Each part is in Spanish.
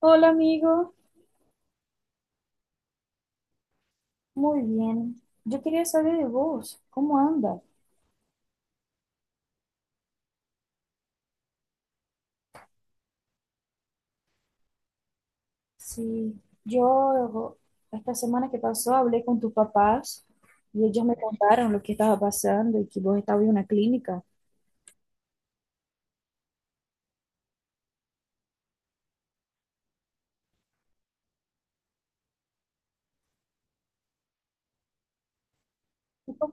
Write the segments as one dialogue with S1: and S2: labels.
S1: Hola amigo, muy bien. Yo quería saber de vos, ¿cómo andas? Sí, yo esta semana que pasó hablé con tus papás y ellos me contaron lo que estaba pasando y que vos estabas en una clínica. Tu pa-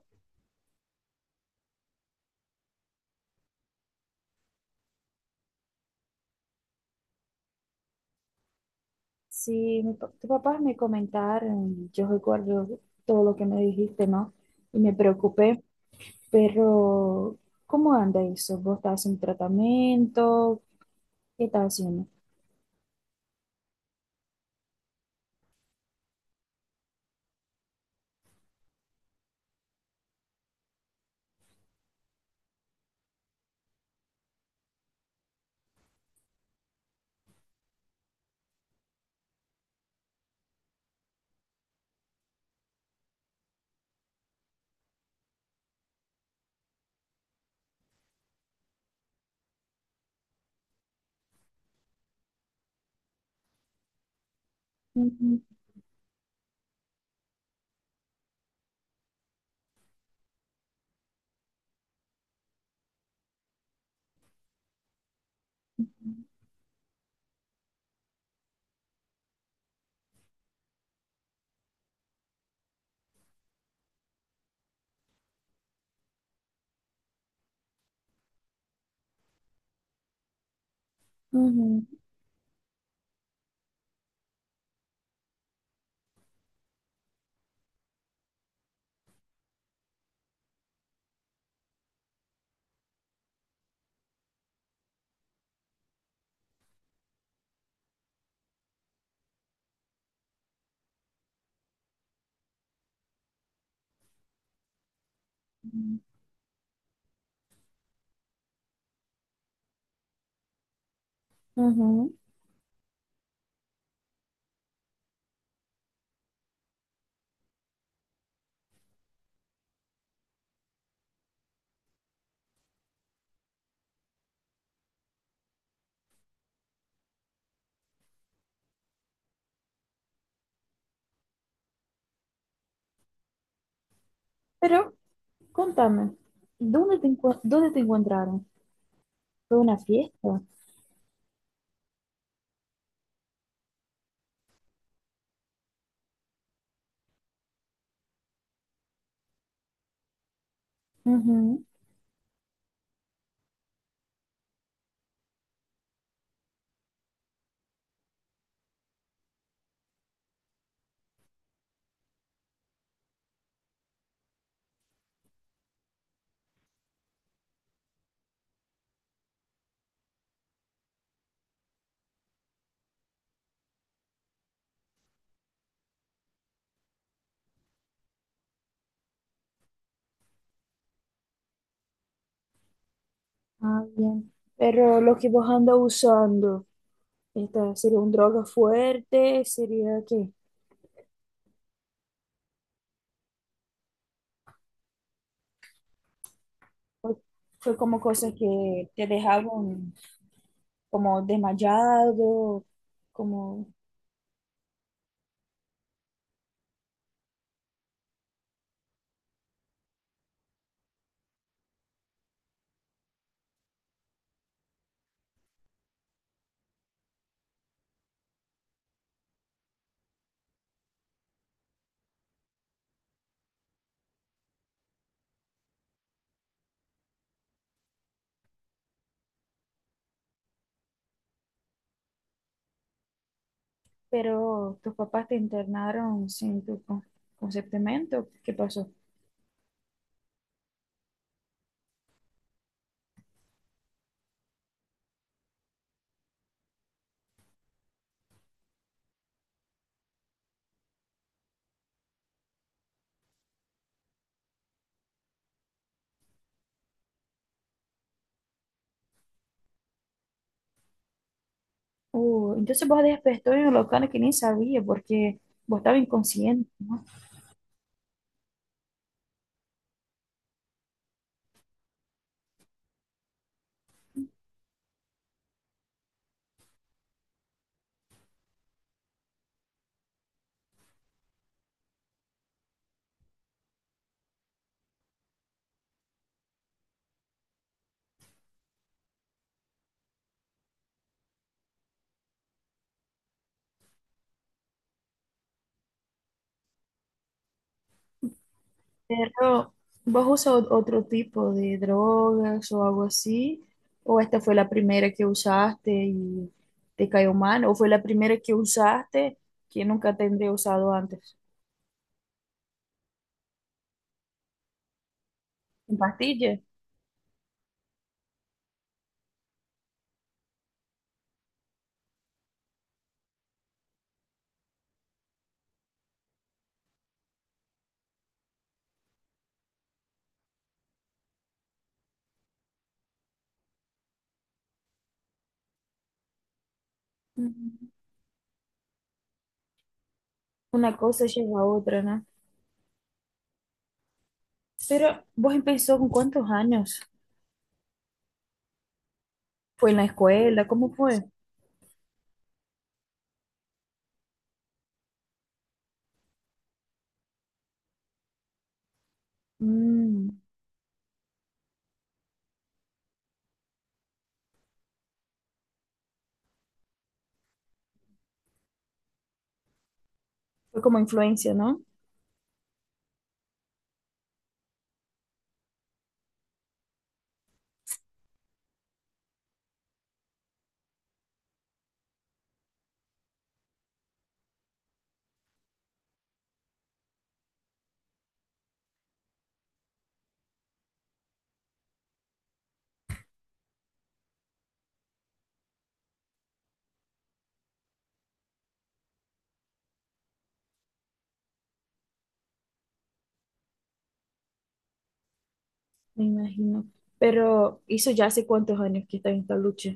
S1: Sí, mi pa- tus papás me comentaron, yo recuerdo todo lo que me dijiste, ¿no? Y me preocupé, pero ¿cómo anda eso? ¿Vos estás haciendo tratamiento? ¿Qué estás haciendo? Ujú, ujú, ujú. Pero contame, ¿dónde te, encu- dónde te encontraron? ¿Fue una fiesta? Ujú. Ah, bien. Pero lo que vos andas usando, esta, ¿sería un droga fuerte? ¿Sería qué? ¿Fue, fue como cosas que te dejaban como desmayado? Como... Pero tus papás te internaron sin tu con- consentimiento. ¿Qué pasó? Entonces vos despertó en un local que ni sabía porque vos estabas inconsciente, ¿no? Pero, ¿vos usas ot- otro tipo de drogas o algo así? ¿O esta fue la primera que usaste y te cayó mal? ¿O fue la primera que usaste que nunca tendré usado antes? ¿En pastillas? Mm. Una cosa lleva a otra, ¿no? Pero, ¿vos empezó con cuántos años? ¿Fue en la escuela? ¿Cómo fue? Mm, fue como influencia, ¿no? Me imagino. Pero, ¿hizo ya hace cuántos años que está en esta lucha?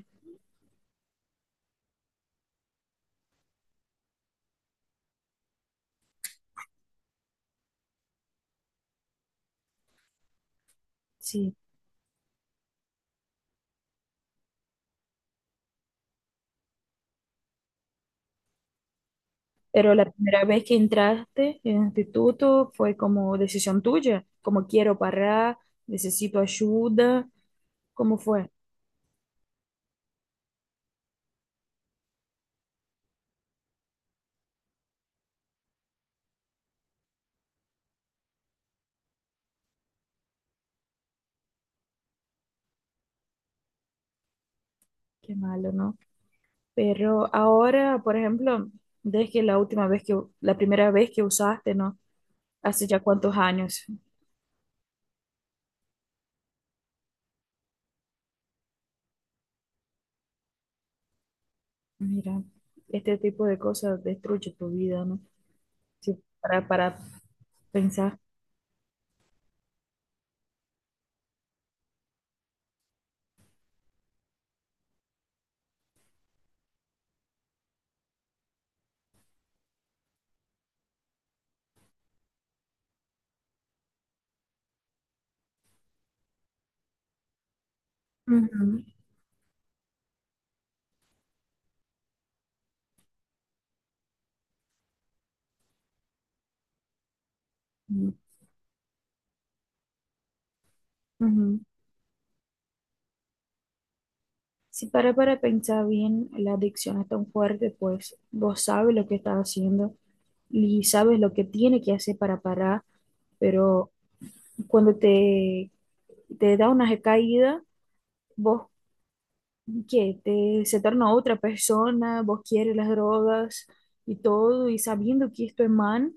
S1: Sí. Pero la primera vez que entraste en el instituto fue como decisión tuya, como quiero parar, necesito ayuda, ¿cómo fue? Qué malo, ¿no? Pero ahora, por ejemplo, desde la última vez que, la primera vez que usaste, ¿no? Hace ya cuántos años. Mira, este tipo de cosas destruye tu vida, ¿no? Sí, para pensar. Ujú, ujú, ujú. Si para para pensar bien, la adicción es tan fuerte, pues vos sabes lo que estás haciendo y sabes lo que tiene que hacer para parar, pero cuando te da una recaída, vos, ¿qué? Te, se torna otra persona, vos quieres las drogas y todo, y sabiendo que esto es mal,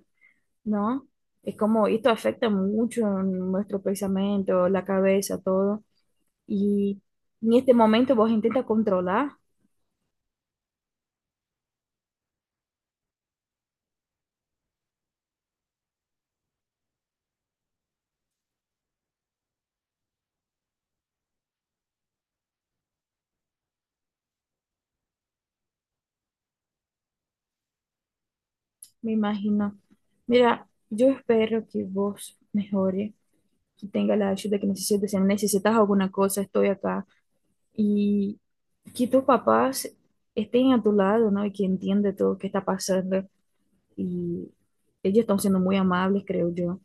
S1: ¿no? Es como, esto afecta mucho nuestro pensamiento, la cabeza, todo, y en este momento vos intentas controlar me imagino. Mira, yo espero que vos mejore, que tenga la ayuda que necesites. Si necesitas alguna cosa, estoy acá. Y que tus papás estén a tu lado, ¿no? Y que entiendan todo lo que está pasando. Y ellos están siendo muy amables, creo yo.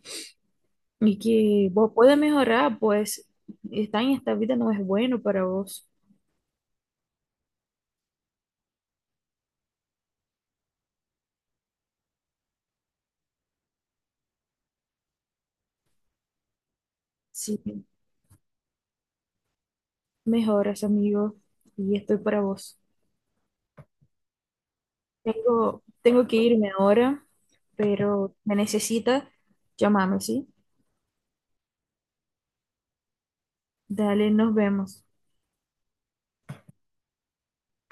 S1: Y que vos puedas mejorar, pues estar en esta vida no es bueno para vos. Sí, mejoras, amigo. Y estoy para vos. Tengo, tengo que irme ahora, pero me necesita, llámame, ¿sí? Dale, nos vemos.